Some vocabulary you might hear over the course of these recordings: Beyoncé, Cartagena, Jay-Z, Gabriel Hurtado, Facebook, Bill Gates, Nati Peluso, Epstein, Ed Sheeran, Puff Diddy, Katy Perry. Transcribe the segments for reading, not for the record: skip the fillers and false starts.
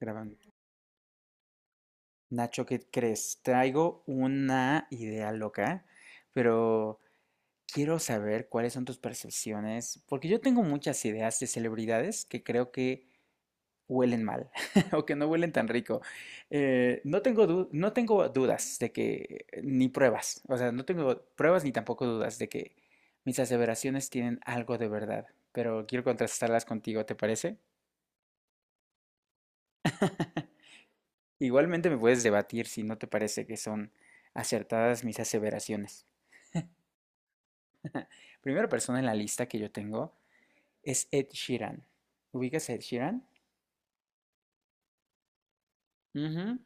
Grabando. Nacho, ¿qué crees? Traigo una idea loca, pero quiero saber cuáles son tus percepciones, porque yo tengo muchas ideas de celebridades que creo que huelen mal o que no huelen tan rico. No tengo no tengo dudas de que, ni pruebas, o sea, no tengo pruebas ni tampoco dudas de que mis aseveraciones tienen algo de verdad, pero quiero contrastarlas contigo, ¿te parece? Igualmente me puedes debatir si no te parece que son acertadas mis aseveraciones. Primera persona en la lista que yo tengo es Ed Sheeran. ¿Ubicas a Ed Sheeran? Ujú.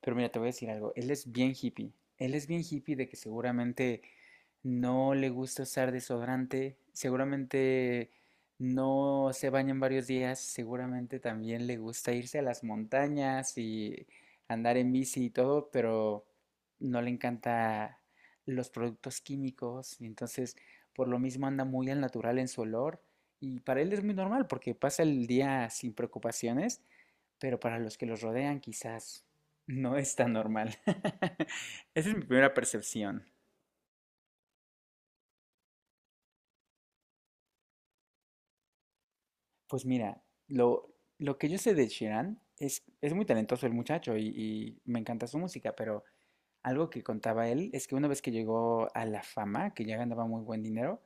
Pero mira, te voy a decir algo, él es bien hippie. Él es bien hippie de que seguramente no le gusta usar desodorante, seguramente no se baña en varios días, seguramente también le gusta irse a las montañas y andar en bici y todo, pero no le encanta los productos químicos y entonces por lo mismo anda muy al natural en su olor y para él es muy normal porque pasa el día sin preocupaciones, pero para los que los rodean quizás no es tan normal. Esa es mi primera percepción. Pues mira, lo que yo sé de Sheeran es muy talentoso el muchacho y me encanta su música, pero algo que contaba él es que una vez que llegó a la fama, que ya ganaba muy buen dinero,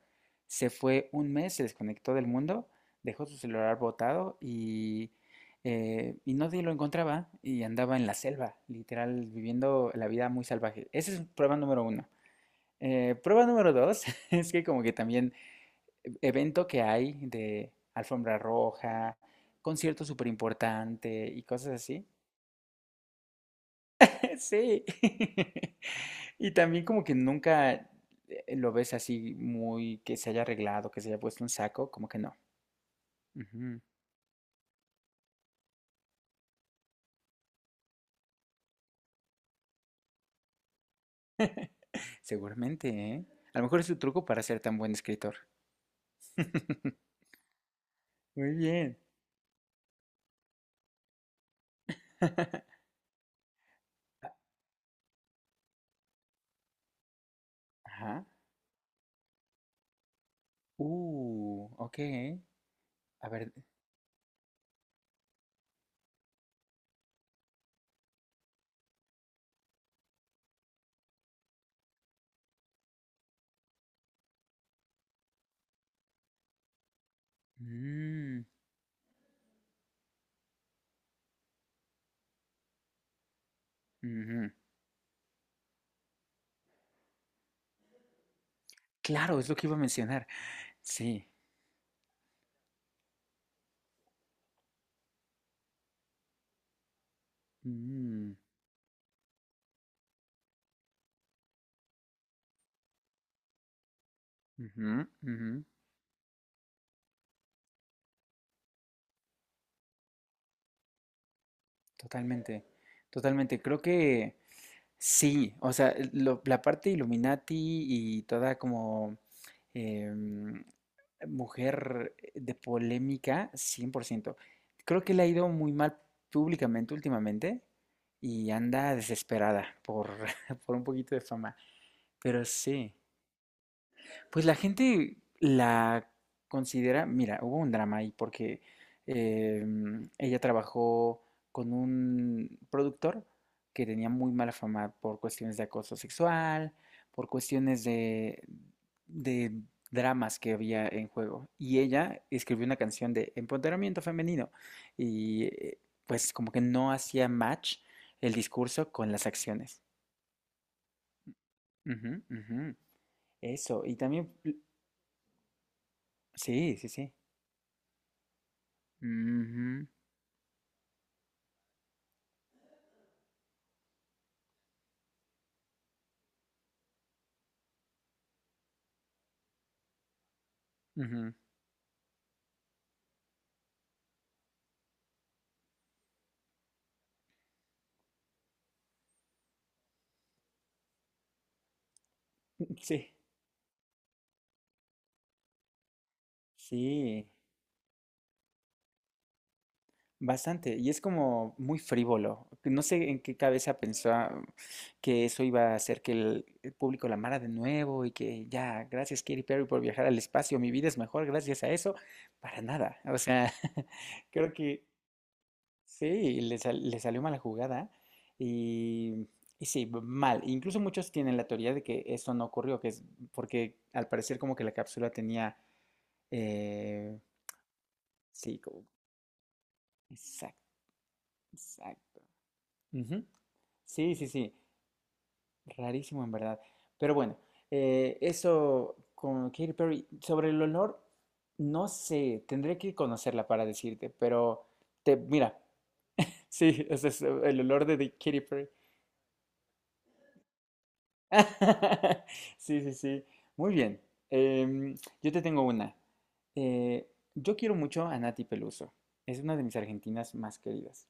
se fue un mes, se desconectó del mundo, dejó su celular botado y nadie lo encontraba y andaba en la selva, literal, viviendo la vida muy salvaje. Esa es prueba número 1. Prueba número 2 es que como que también evento que hay de alfombra roja, concierto súper importante y cosas así. Sí. Y también como que nunca lo ves así muy que se haya arreglado, que se haya puesto un saco, como que no. Ujú. Seguramente, ¿eh? A lo mejor es su truco para ser tan buen escritor. Muy bien. Ajá. Ok. A ver. Mm, ujú. Claro, es lo que iba a mencionar. Sí. Mm. Ujú, ujú. Totalmente, totalmente. Creo que sí, o sea, la parte Illuminati y toda como em, mujer de polémica, 100%. Creo que le ha ido muy mal públicamente últimamente y anda desesperada por, por un poquito de fama, pero sí. Pues la gente la considera, mira, hubo un drama ahí porque ella trabajó con un productor que tenía muy mala fama por cuestiones de acoso sexual, por cuestiones de dramas que había en juego. Y ella escribió una canción de empoderamiento femenino y pues como que no hacía match el discurso con las acciones. Ujú, ujú. Eso, y también, sí, sí, sí. Ujú, ujú. Sí, sí, bastante. Y es como muy frívolo. No sé en qué cabeza pensó que eso iba a hacer que el público la amara de nuevo y que ya, gracias Katy Perry por viajar al espacio, mi vida es mejor gracias a eso. Para nada. O sea, creo que sí, le salió mala jugada y, y sí, mal. Incluso muchos tienen la teoría de que esto no ocurrió, que es porque al parecer como que la cápsula tenía... eh, Sí, como, exacto, exacto. Ujú. Sí, sí, sí, rarísimo en verdad. Pero bueno, eso con Katy Perry. Sobre el olor, no sé, tendré que conocerla para decirte, pero mira, sí, ese es el olor de Katy Perry. Sí, sí, sí. Muy bien. Em, yo te tengo una. Eh, yo quiero mucho a Nati Peluso. Es una de mis argentinas más queridas.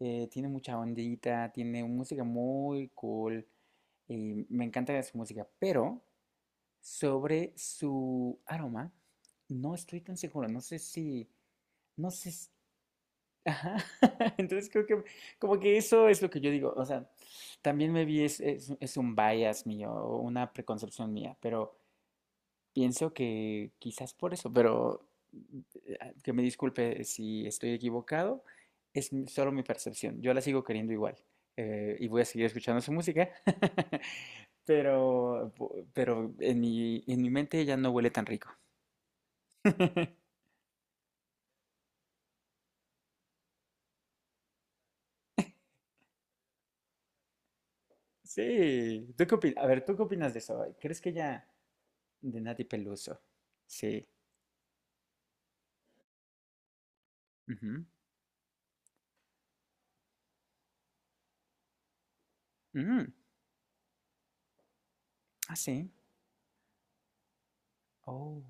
Tiene mucha ondita, tiene música muy cool. Me encanta su música, pero sobre su aroma no estoy tan seguro. No sé si, no sé, Ajá. Entonces creo que como que eso es lo que yo digo. O sea, también me vi es un bias mío, o una preconcepción mía, pero pienso que quizás por eso, pero que me disculpe si estoy equivocado, es solo mi percepción. Yo la sigo queriendo igual y voy a seguir escuchando su música, pero, pero en mi mente ya no huele tan rico. Sí, ¿tú qué opinas? A ver, ¿tú qué opinas de eso? ¿Crees que ya? De Nati Peluso. Sí. Ujú. Mm. Ah, sí. Oh.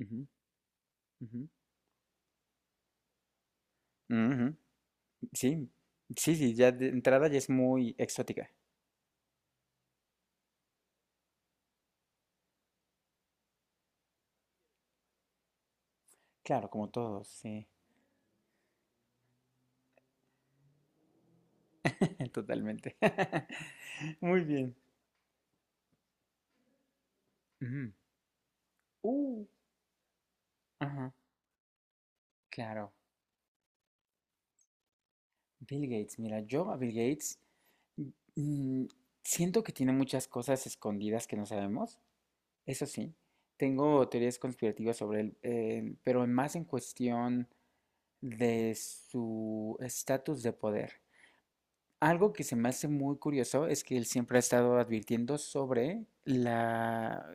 Ujú, ujú, ujú. Sí. Sí, sí, ya de entrada ya es muy exótica. Claro, como todos, sí. Totalmente. Muy bien. Ujú. Uh, ajá, claro. Bill Gates, mira, yo a Bill Gates mm, siento que tiene muchas cosas escondidas que no sabemos. Eso sí, tengo teorías conspirativas sobre él, pero más en cuestión de su estatus de poder. Algo que se me hace muy curioso es que él siempre ha estado advirtiendo sobre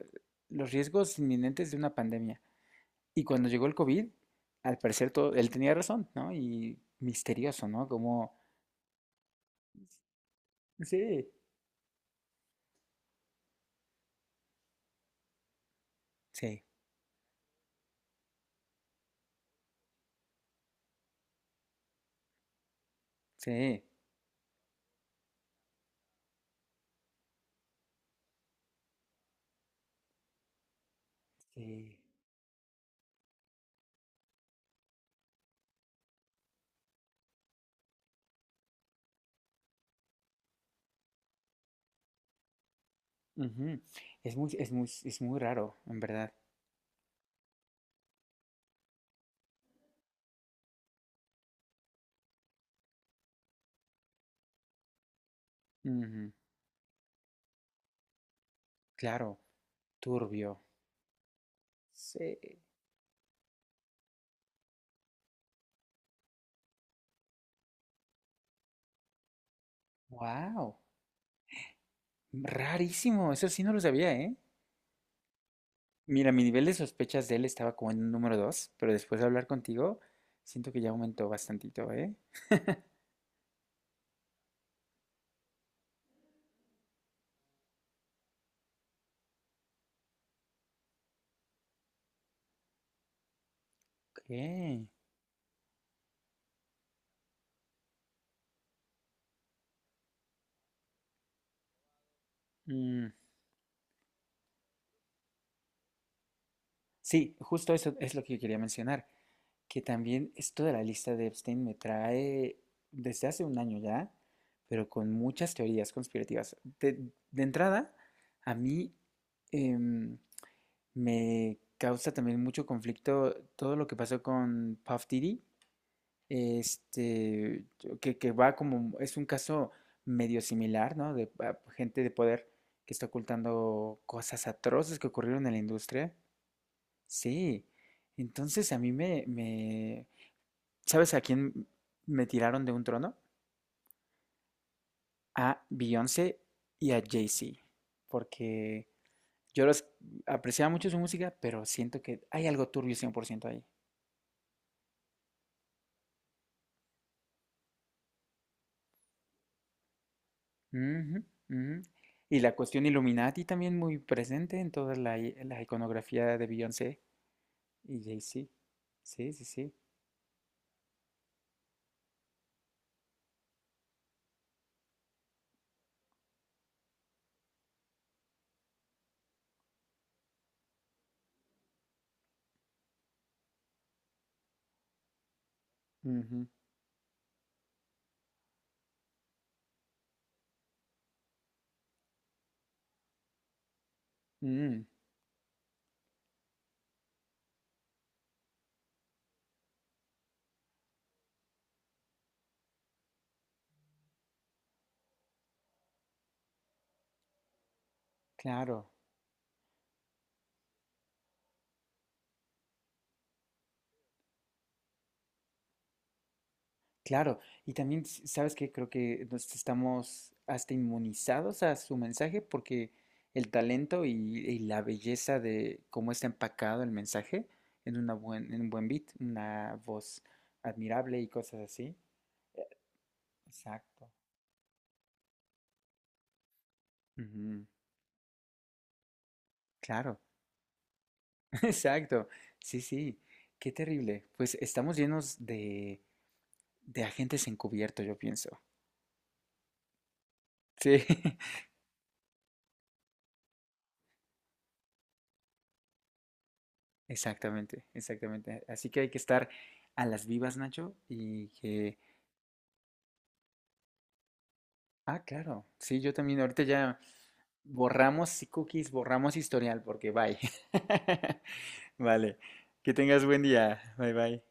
los riesgos inminentes de una pandemia. Y cuando llegó el COVID, al parecer todo, él tenía razón, ¿no? Y misterioso, ¿no? Como. Sí, sí, sí, sí. Ujú. Es muy raro, en verdad. Ujú, claro, turbio. Sí. Wow, rarísimo, eso sí no lo sabía, ¿eh? Mira, mi nivel de sospechas de él estaba como en un número 2, pero después de hablar contigo, siento que ya aumentó bastantito, ¿eh? Ok. Mm, sí, justo eso es lo que yo quería mencionar, que también esto de la lista de Epstein me trae desde hace un año ya, pero con muchas teorías conspirativas. De entrada, a mí em, me causa también mucho conflicto todo lo que pasó con Puff Diddy este, que, va como, es un caso medio similar, ¿no? De gente de poder que está ocultando cosas atroces que ocurrieron en la industria. Sí. Entonces a mí, ¿sabes a quién me tiraron de un trono? A Beyoncé y a Jay-Z, porque yo los apreciaba mucho su música, pero siento que hay algo turbio 100% ahí. Ujú, ujú. Y la cuestión Illuminati también muy presente en toda la iconografía de Beyoncé y Jay-Z. Sí, sí, sí. Ujú. Mm, claro, claro. Y también, ¿sabes qué? Creo que nos estamos hasta inmunizados a su mensaje porque el talento y la belleza de cómo está empacado el mensaje en un buen beat, una voz admirable y cosas así. Exacto. Ujú, claro. Exacto. Sí, sí. Qué terrible. Pues estamos llenos de agentes encubiertos, yo pienso. Sí, exactamente, exactamente. Así que hay que estar a las vivas, Nacho, y que. Ah, claro. Sí, yo también. Ahorita ya borramos sí cookies, borramos historial, porque bye. Vale. Que tengas buen día. Bye, bye.